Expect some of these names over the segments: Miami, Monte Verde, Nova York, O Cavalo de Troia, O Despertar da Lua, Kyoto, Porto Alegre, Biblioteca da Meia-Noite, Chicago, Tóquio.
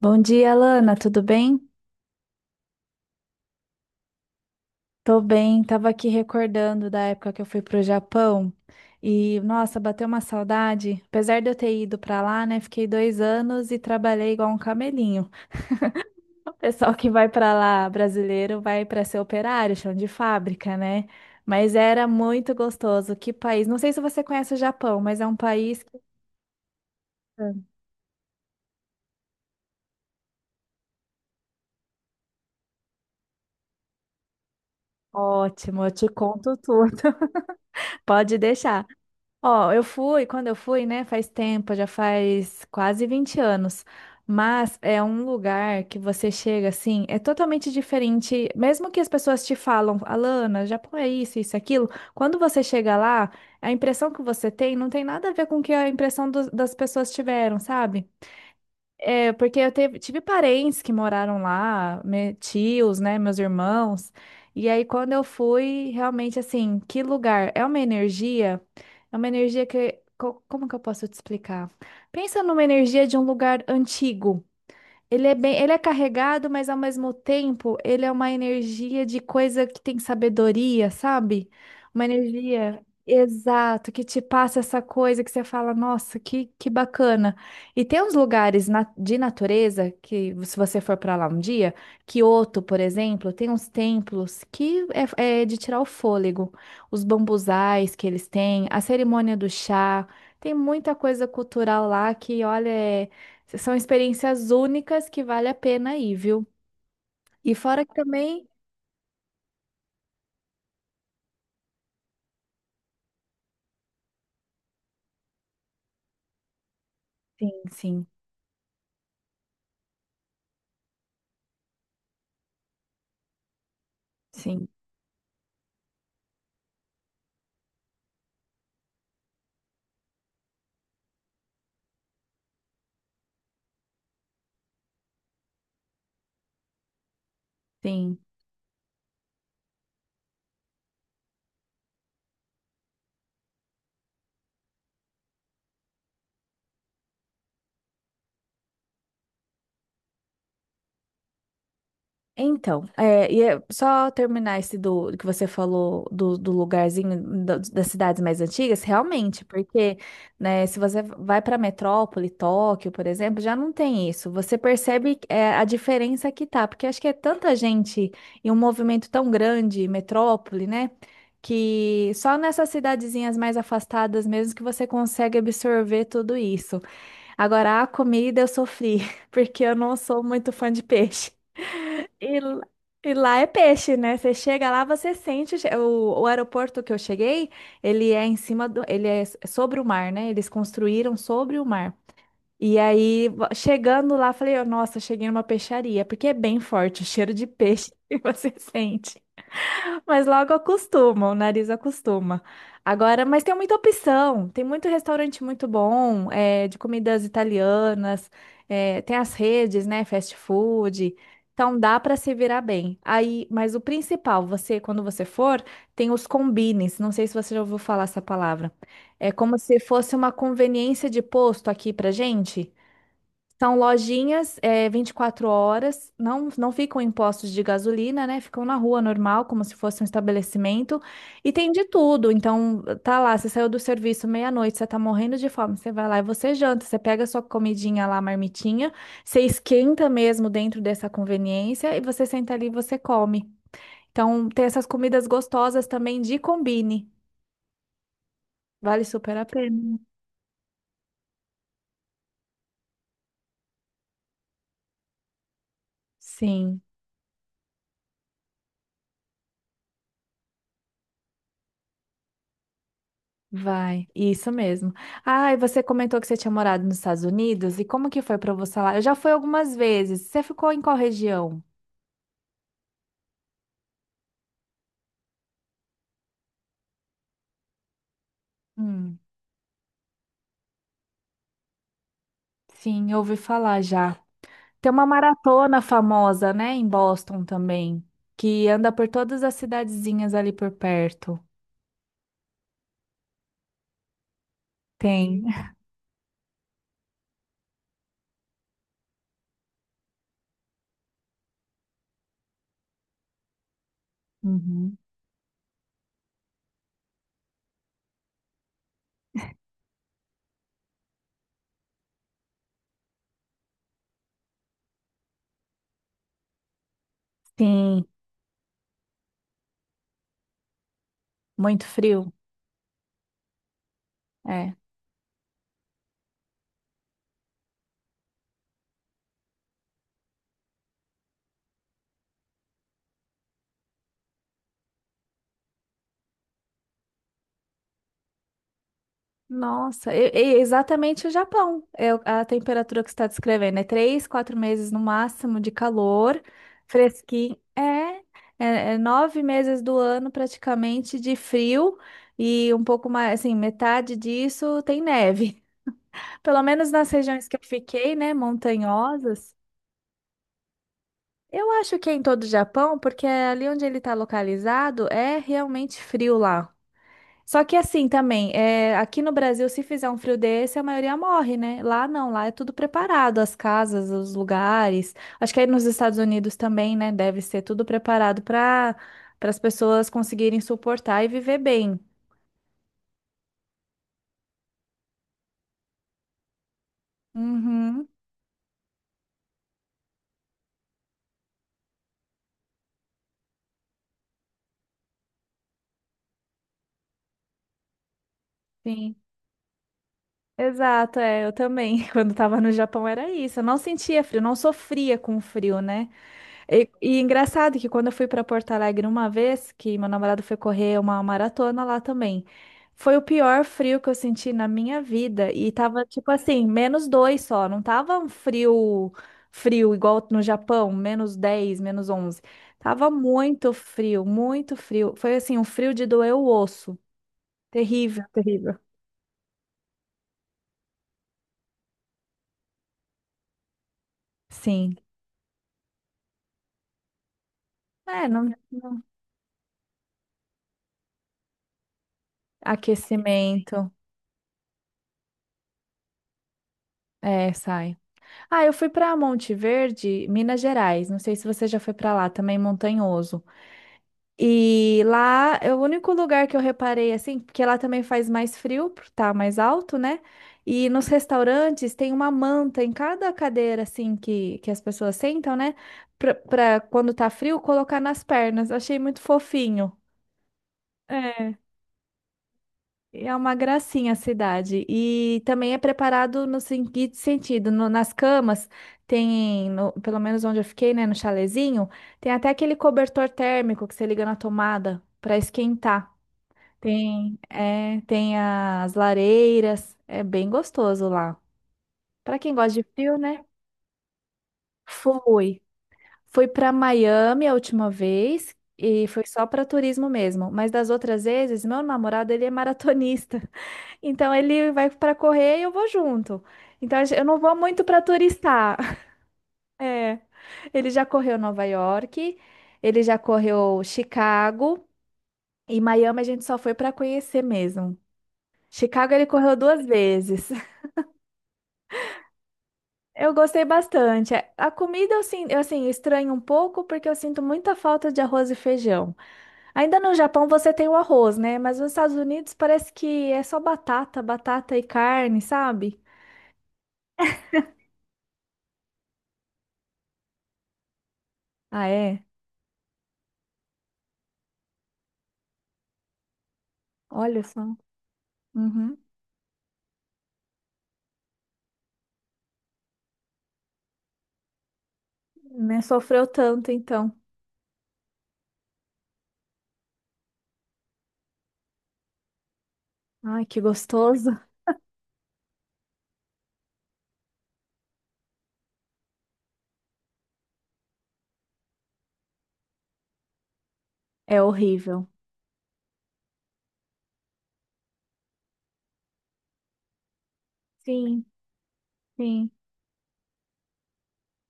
Bom dia, Lana, tudo bem? Tô bem, tava aqui recordando da época que eu fui pro Japão e, nossa, bateu uma saudade. Apesar de eu ter ido pra lá, né, fiquei dois anos e trabalhei igual um camelinho. O pessoal que vai pra lá, brasileiro, vai pra ser operário, chão de fábrica, né? Mas era muito gostoso. Que país? Não sei se você conhece o Japão, mas é um país é ótimo, eu te conto tudo. Pode deixar. Ó, eu fui, quando eu fui, né, faz tempo, já faz quase 20 anos, mas é um lugar que você chega assim, é totalmente diferente, mesmo que as pessoas te falam, Alana, Japão é isso, isso, e aquilo, quando você chega lá, a impressão que você tem não tem nada a ver com o que a impressão das pessoas tiveram, sabe? É, porque eu tive parentes que moraram lá, tios, né, meus irmãos. E aí, quando eu fui, realmente, assim, que lugar? É uma energia como que eu posso te explicar? Pensa numa energia de um lugar antigo. Ele é bem, ele é carregado, mas ao mesmo tempo ele é uma energia de coisa que tem sabedoria, sabe? Uma energia exato que te passa essa coisa que você fala, nossa, que bacana. E tem uns lugares de natureza que, se você for para lá um dia, Kyoto, por exemplo, tem uns templos que é de tirar o fôlego. Os bambuzais que eles têm, a cerimônia do chá, tem muita coisa cultural lá que, olha, é são experiências únicas que vale a pena ir, viu? E fora que também. Sim, sim, sim, sim. Então, é, e é só terminar esse do que você falou do, do lugarzinho das cidades mais antigas, realmente, porque, né, se você vai para metrópole, Tóquio, por exemplo, já não tem isso. Você percebe é, a diferença que tá, porque acho que é tanta gente e um movimento tão grande, metrópole, né, que só nessas cidadezinhas mais afastadas mesmo que você consegue absorver tudo isso. Agora, a comida eu sofri, porque eu não sou muito fã de peixe. E, l- e lá é peixe, né? Você chega lá, você sente o aeroporto que eu cheguei, ele é em cima do. Ele é sobre o mar, né? Eles construíram sobre o mar. E aí, chegando lá, falei: "Oh, nossa, cheguei numa peixaria, porque é bem forte o cheiro de peixe que você sente." Mas logo acostuma, o nariz acostuma. Agora, mas tem muita opção, tem muito restaurante muito bom, é, de comidas italianas, é, tem as redes, né, fast food. Então dá para se virar bem. Aí, mas o principal, você, quando você for, tem os combines. Não sei se você já ouviu falar essa palavra. É como se fosse uma conveniência de posto aqui pra gente. São lojinhas, é, 24 horas, não, não ficam em postos de gasolina, né? Ficam na rua normal, como se fosse um estabelecimento. E tem de tudo. Então, tá lá, você saiu do serviço meia-noite, você tá morrendo de fome, você vai lá e você janta, você pega sua comidinha lá, marmitinha, você esquenta mesmo dentro dessa conveniência e você senta ali e você come. Então, tem essas comidas gostosas também de combine. Vale super a pena. Sim. Vai, isso mesmo. Ah, e você comentou que você tinha morado nos Estados Unidos, e como que foi para você lá? Eu já fui algumas vezes. Você ficou em qual região? Hum, sim, eu ouvi falar já. Tem uma maratona famosa, né, em Boston também, que anda por todas as cidadezinhas ali por perto. Tem. Uhum. Sim, muito frio. É. Nossa, e exatamente o Japão. É a temperatura que você está descrevendo. É três, quatro meses no máximo de calor, fresquinho. É nove meses do ano praticamente de frio e um pouco mais, assim, metade disso tem neve. Pelo menos nas regiões que eu fiquei, né, montanhosas. Eu acho que é em todo o Japão, porque ali onde ele está localizado é realmente frio lá. Só que assim também, é, aqui no Brasil, se fizer um frio desse, a maioria morre, né? Lá não, lá é tudo preparado, as casas, os lugares. Acho que aí nos Estados Unidos também, né? Deve ser tudo preparado para para as pessoas conseguirem suportar e viver bem. Uhum, sim. Exato, é, eu também. Quando estava no Japão era isso. Eu não sentia frio, não sofria com frio, né? E engraçado que quando eu fui para Porto Alegre uma vez, que meu namorado foi correr uma maratona lá também, foi o pior frio que eu senti na minha vida. E tava tipo assim, menos 2 só, não tava um frio, frio igual no Japão, menos 10, menos 11. Tava muito frio, muito frio. Foi assim, um frio de doer o osso. Terrível, terrível. Sim. É, não, não- aquecimento. É, sai. Ah, eu fui para Monte Verde, Minas Gerais. Não sei se você já foi para lá, também montanhoso. E lá é o único lugar que eu reparei assim, porque lá também faz mais frio, por tá mais alto, né? E nos restaurantes tem uma manta em cada cadeira assim que as pessoas sentam, né? Pra quando tá frio colocar nas pernas. Eu achei muito fofinho. É. É uma gracinha a cidade. E também é preparado no seguinte sentido, nas camas tem, pelo menos onde eu fiquei, né, no chalezinho, tem até aquele cobertor térmico que você liga na tomada para esquentar. Tem, é, tem as lareiras, é bem gostoso lá. Para quem gosta de frio, né? Fui. Fui para Miami a última vez e foi só para turismo mesmo, mas das outras vezes, meu namorado, ele é maratonista. Então ele vai para correr e eu vou junto. Então eu não vou muito para turistar. É. Ele já correu Nova York, ele já correu Chicago e Miami a gente só foi para conhecer mesmo. Chicago ele correu duas vezes. Eu gostei bastante. A comida eu assim estranho um pouco porque eu sinto muita falta de arroz e feijão. Ainda no Japão você tem o arroz, né? Mas nos Estados Unidos parece que é só batata, batata e carne, sabe? Ah, é? Olha só. Uhum. Né? Sofreu tanto, então. Ai, que gostoso. É horrível. Sim, sim.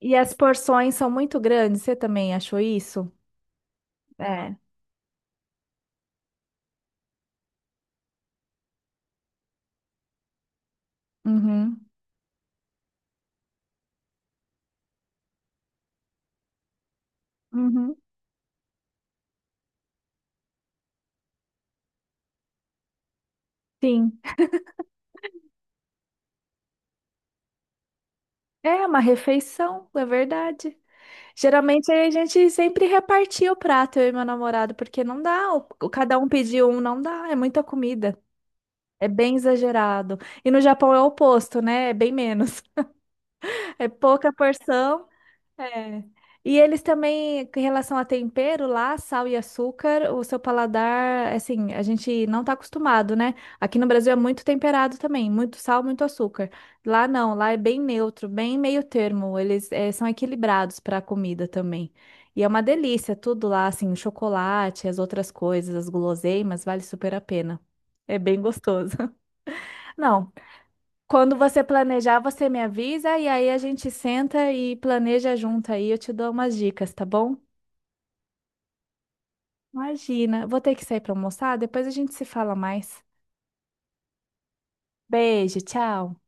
E as porções são muito grandes, você também achou isso? É. Uhum, uhum. Sim. É uma refeição, é verdade. Geralmente a gente sempre repartia o prato, eu e meu namorado, porque não dá, cada um pediu um, não dá, é muita comida. É bem exagerado. E no Japão é o oposto, né? É bem menos. É pouca porção. É. E eles também, em relação a tempero lá, sal e açúcar, o seu paladar, assim, a gente não tá acostumado, né? Aqui no Brasil é muito temperado também, muito sal, muito açúcar. Lá não, lá é bem neutro, bem meio termo. Eles são equilibrados para a comida também. E é uma delícia tudo lá, assim, o chocolate, as outras coisas, as guloseimas, vale super a pena. É bem gostoso. Não, quando você planejar, você me avisa e aí a gente senta e planeja junto aí. Eu te dou umas dicas, tá bom? Imagina, vou ter que sair para almoçar, depois a gente se fala mais. Beijo, tchau.